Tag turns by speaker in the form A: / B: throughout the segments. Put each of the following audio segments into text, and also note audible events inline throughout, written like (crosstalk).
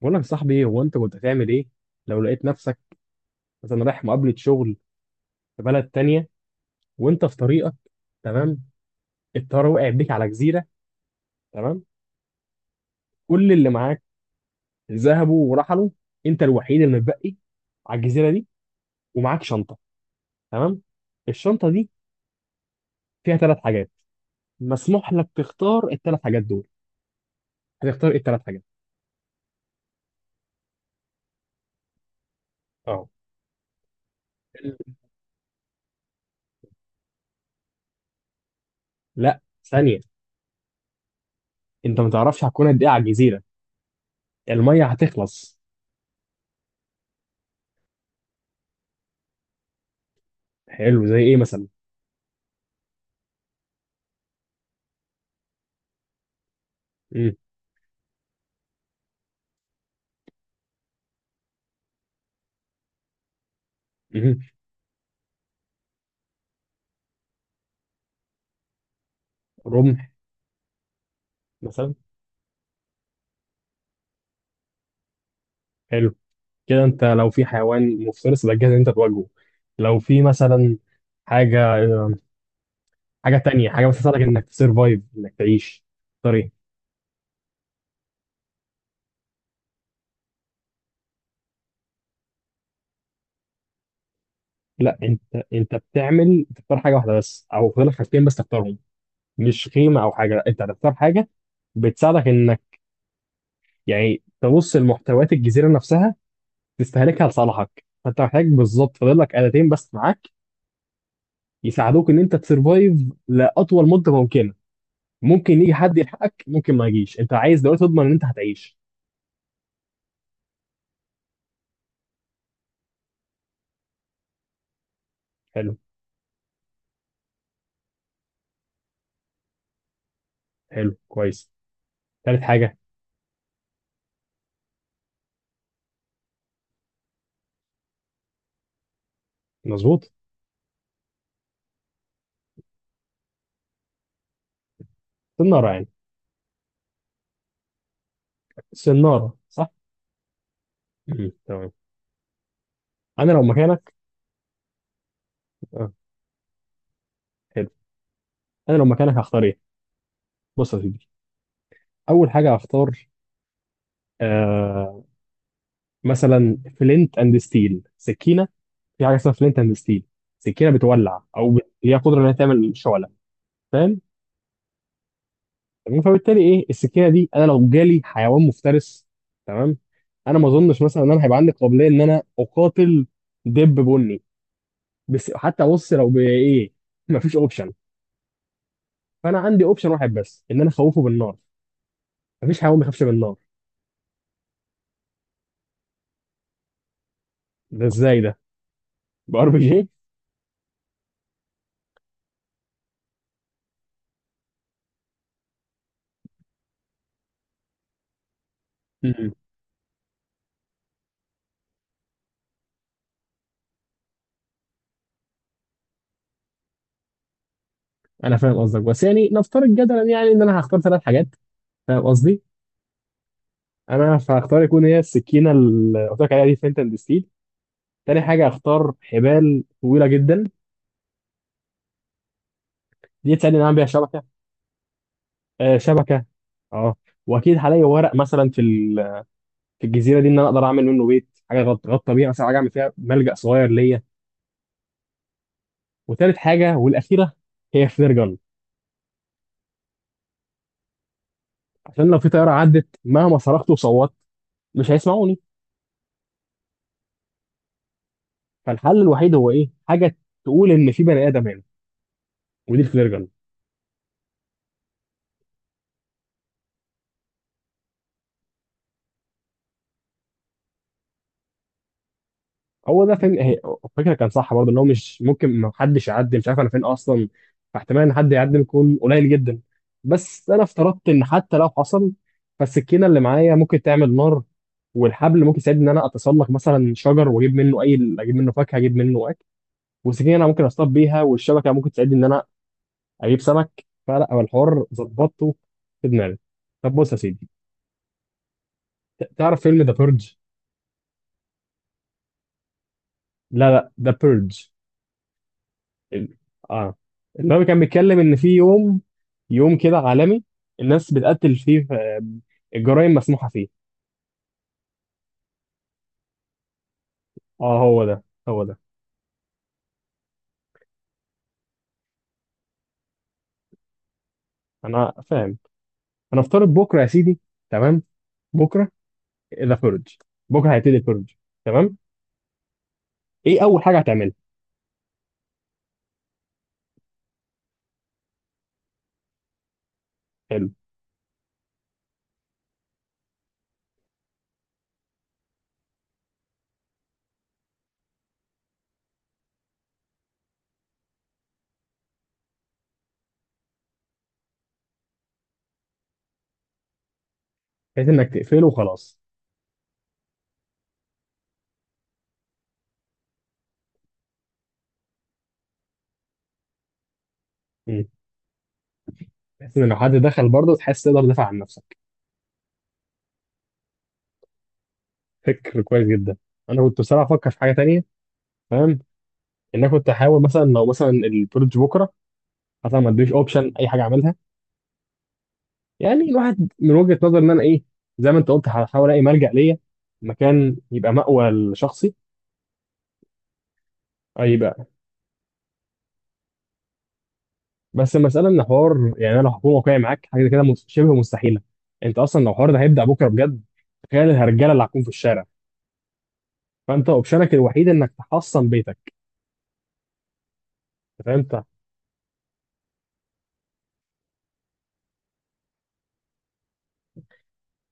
A: بقول لك يا صاحبي، هو انت كنت هتعمل ايه لو لقيت نفسك مثلا رايح مقابلة شغل في بلد تانية وانت في طريقك؟ تمام. الطيارة وقع بيك على جزيرة. تمام. كل اللي معاك ذهبوا ورحلوا، انت الوحيد اللي متبقي على الجزيرة دي، ومعاك شنطة. تمام. الشنطة دي فيها ثلاث حاجات، مسموح لك تختار الثلاث حاجات دول. هتختار ايه الثلاث حاجات؟ اه. لا، ثانية. انت ما تعرفش هتكون قد ايه على الجزيرة، المية هتخلص. حلو، زي ايه مثلا؟ مم. مم. رمح مثلا. حلو. كده انت لو في حيوان مفترس يبقى جاهز ان انت تواجهه. لو في مثلا حاجه حاجه تانية، حاجه بتساعدك انك تسرفايف، انك تعيش. طريق. لا، انت، بتعمل تختار حاجه واحده بس، او فاضل لك حاجتين بس تختارهم. مش خيمه او حاجه، لا، انت هتختار حاجه بتساعدك انك، يعني، تبص لمحتويات الجزيره نفسها، تستهلكها لصالحك. فانت محتاج بالظبط، فاضل لك آلتين بس معاك يساعدوك ان انت تسرفايف لاطول مده ممكنه. ممكن يجي حد يلحقك، ممكن ما يجيش، انت عايز دلوقتي تضمن ان انت هتعيش. حلو. حلو، كويس. تالت حاجة. مظبوط. سنارة يعني. سنارة صح؟ مم. تمام. أنا لو مكانك. آه. حلو. أنا لو مكانك هختار إيه؟ بص يا سيدي. أول حاجة هختار، آه، مثلا فلنت أند ستيل، سكينة. في حاجة اسمها فلنت أند ستيل، سكينة بتولع، أو هي قدرة إنها تعمل شعلة. فاهم؟ تمام، فبالتالي إيه السكينة دي؟ أنا لو جالي حيوان مفترس، تمام؟ أنا ما أظنش مثلا إن أنا هيبقى عندي قابلية إن أنا أقاتل دب بني. بس حتى بص، لو بايه، مفيش اوبشن. فانا عندي اوبشن واحد بس، ان انا اخوفه بالنار. مفيش حيوان بيخافش بالنار. ده ازاي ده؟ بار بي جي. أمم. انا فاهم قصدك، بس يعني نفترض جدلا، يعني ان انا هختار ثلاث حاجات، فاهم قصدي. انا هختار يكون هي السكينه اللي قلت لك عليها دي، فلينت اند ستيل. تاني حاجه هختار حبال طويله جدا، دي تساعدني ان انا اعمل بيها شبكه. آه شبكه، اه. واكيد هلاقي ورق مثلا في في الجزيره دي، ان انا اقدر اعمل منه بيت، حاجه غطى بيها مثلا، حاجه اعمل فيها ملجأ صغير ليا. وتالت حاجه والاخيره، هي فلير جن. عشان لو في طياره عدت، مهما صرخت وصوت، مش هيسمعوني. فالحل الوحيد هو ايه، حاجه تقول ان في بني ادم هنا. ودي الفلير جن. هو ده فين الفكره كان صح برضه، ان هو مش ممكن ما حدش يعدي، مش عارف انا فين اصلا، فاحتمال ان حد يعدي يكون قليل جدا. بس انا افترضت ان حتى لو حصل، فالسكينه اللي معايا ممكن تعمل نار، والحبل ممكن يساعدني ان انا اتسلق مثلا شجر واجيب منه، اي، اجيب منه فاكهه، اجيب منه اكل. والسكينه انا ممكن اصطاد بيها، والشبكه ممكن تساعدني ان انا اجيب سمك. فلا هو الحوار ظبطته في دماغي. طب بص يا سيدي، تعرف فيلم ذا بيرج؟ لا لا، ذا بيرج. ال... اه. اللي هو كان بيتكلم ان في يوم، يوم كده عالمي، الناس بتقتل فيه، آه، الجرائم مسموحه فيه. اه هو ده، هو ده. انا فاهم. هنفترض بكره يا سيدي. تمام. بكره ذا بيرج. بكره هيبتدي البيرج. تمام. ايه اول حاجه هتعملها؟ حلو، بحيث انك تقفله وخلاص. مم. بحيث ان لو حد دخل برضه تحس تقدر تدافع عن نفسك. فكر كويس جدا. انا كنت بصراحه افكر في حاجه تانية، فاهم؟ ان انا كنت احاول مثلا، لو مثلا البروج بكره، مثلا ما اديش اوبشن اي حاجه اعملها. يعني الواحد من وجهه نظر ان انا ايه، زي ما انت قلت، هحاول الاقي ملجأ ليا، مكان يبقى مأوى لشخصي. اي بقى، بس المساله ان حوار، يعني انا لو هكون واقعي معاك، حاجه كده شبه مستحيله. انت اصلا لو الحوار ده هيبدأ بكره بجد، تخيل الهرجله اللي هتكون في الشارع. فانت اوبشنك الوحيد انك تحصن بيتك. فاهم؟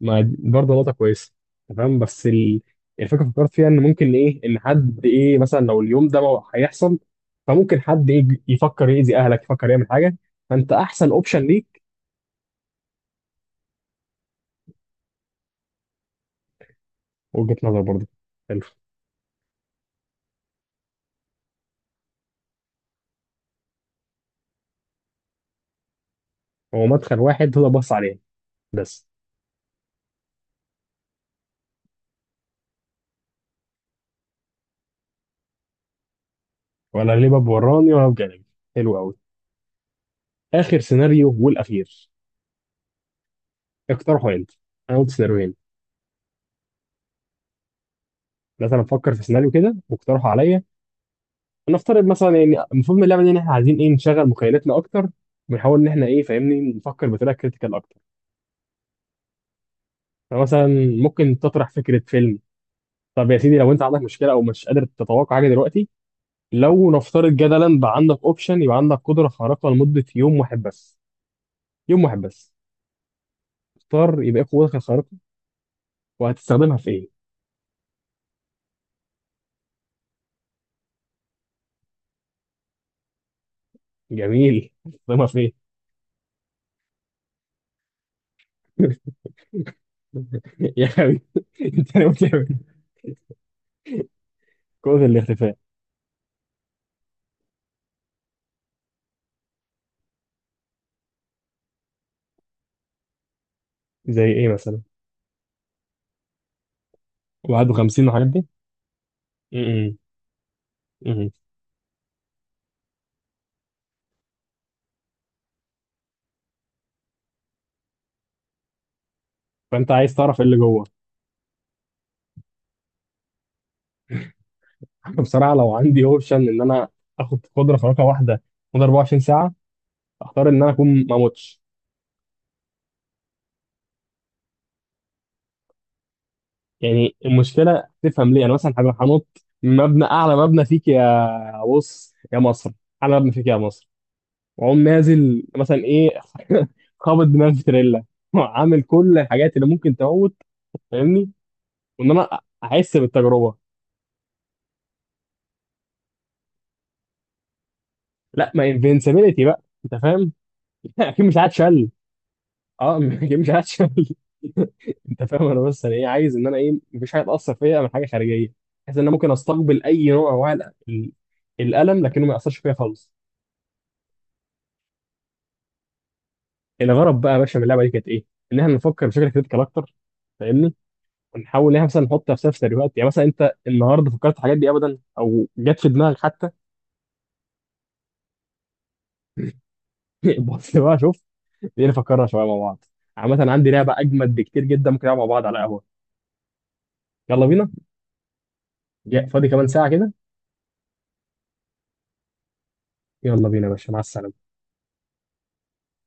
A: ما دي برضه نقطة كويسة. تمام، بس الفكرة فكرت فيها إن ممكن إيه، إن حد إيه مثلا لو اليوم ده ما هيحصل، فممكن حد إيه يفكر يأذي أهلك، يفكر يعمل حاجة. فأنت أحسن أوبشن ليك. وجهة نظر برضه. حلو. هو مدخل واحد تقدر تبص عليه بس، ولا ليه باب وراني، ولا بجانبي. حلو أوي. آخر سيناريو والأخير، اقترحه أنت. أنا قلت سيناريوهين، مثلا فكر في سيناريو كده واقترحه عليا. نفترض مثلا، يعني المفروض من اللعبه دي ان احنا عايزين ايه، نشغل مخيلتنا اكتر، ونحاول ان احنا ايه، فاهمني، نفكر بطريقه كريتيكال اكتر. فمثلا ممكن تطرح فكره فيلم. طب يا سيدي، لو انت عندك مشكله او مش قادر تتوقع حاجه دلوقتي، لو نفترض جدلا بقى عندك اوبشن، يبقى عندك قدره خارقه لمده يوم واحد بس، يوم واحد بس. اختار يبقى ايه قوتك الخارقه، وهتستخدمها في ايه؟ جميل، هتستخدمها في ايه؟ (laughs) يا حبيبي، انت ناوي تعمل إيه؟ قوه الاختفاء زي ايه مثلا؟ 51 وحاجات دي. م- م- م. فانت عايز تعرف ايه اللي جوه؟ (laughs) بصراحه لو عندي اوبشن ان انا اخد قدره خارقه واحده مدة 24 ساعه، اختار ان انا اكون ما اموتش. يعني المشكله، تفهم ليه، انا مثلا هبقى هنط من مبنى، اعلى مبنى فيك يا، بص يا مصر، اعلى مبنى فيك يا مصر، واقوم نازل مثلا ايه، (laughs) خابط دماغي في تريلا، عامل كل الحاجات اللي ممكن تموت، فاهمني؟ وان انا احس بالتجربه. لا، ما انفنسبيلتي بقى، انت فاهم. (laughs) اكيد مش هتشل. اه (laughs) ما مش عارف. (laughs) انت فاهم، انا بس انا ايه، عايز ان انا ايه، مفيش حاجه تاثر فيا من حاجه خارجيه، بحيث ان انا ممكن استقبل اي نوع من انواع الالم، لكنه ما ياثرش فيا خالص. الغرض بقى يا باشا من اللعبه دي كانت ايه؟ ان احنا نفكر بشكل كريتيكال اكتر، فاهمني؟ ونحاول ان احنا مثلا نحط نفسنا في سيناريوهات، يعني مثلا انت النهارده فكرت في الحاجات دي ابدا، او جت في دماغك حتى؟ (laughs) بص بقى شوف، دي نفكرها شويه مع بعض. عامه عندي لعبه اجمد بكتير جدا ممكن نلعبها مع بعض على قهوه. يلا بينا. فاضي كمان ساعه كده. يلا بينا يا باشا، مع السلامه.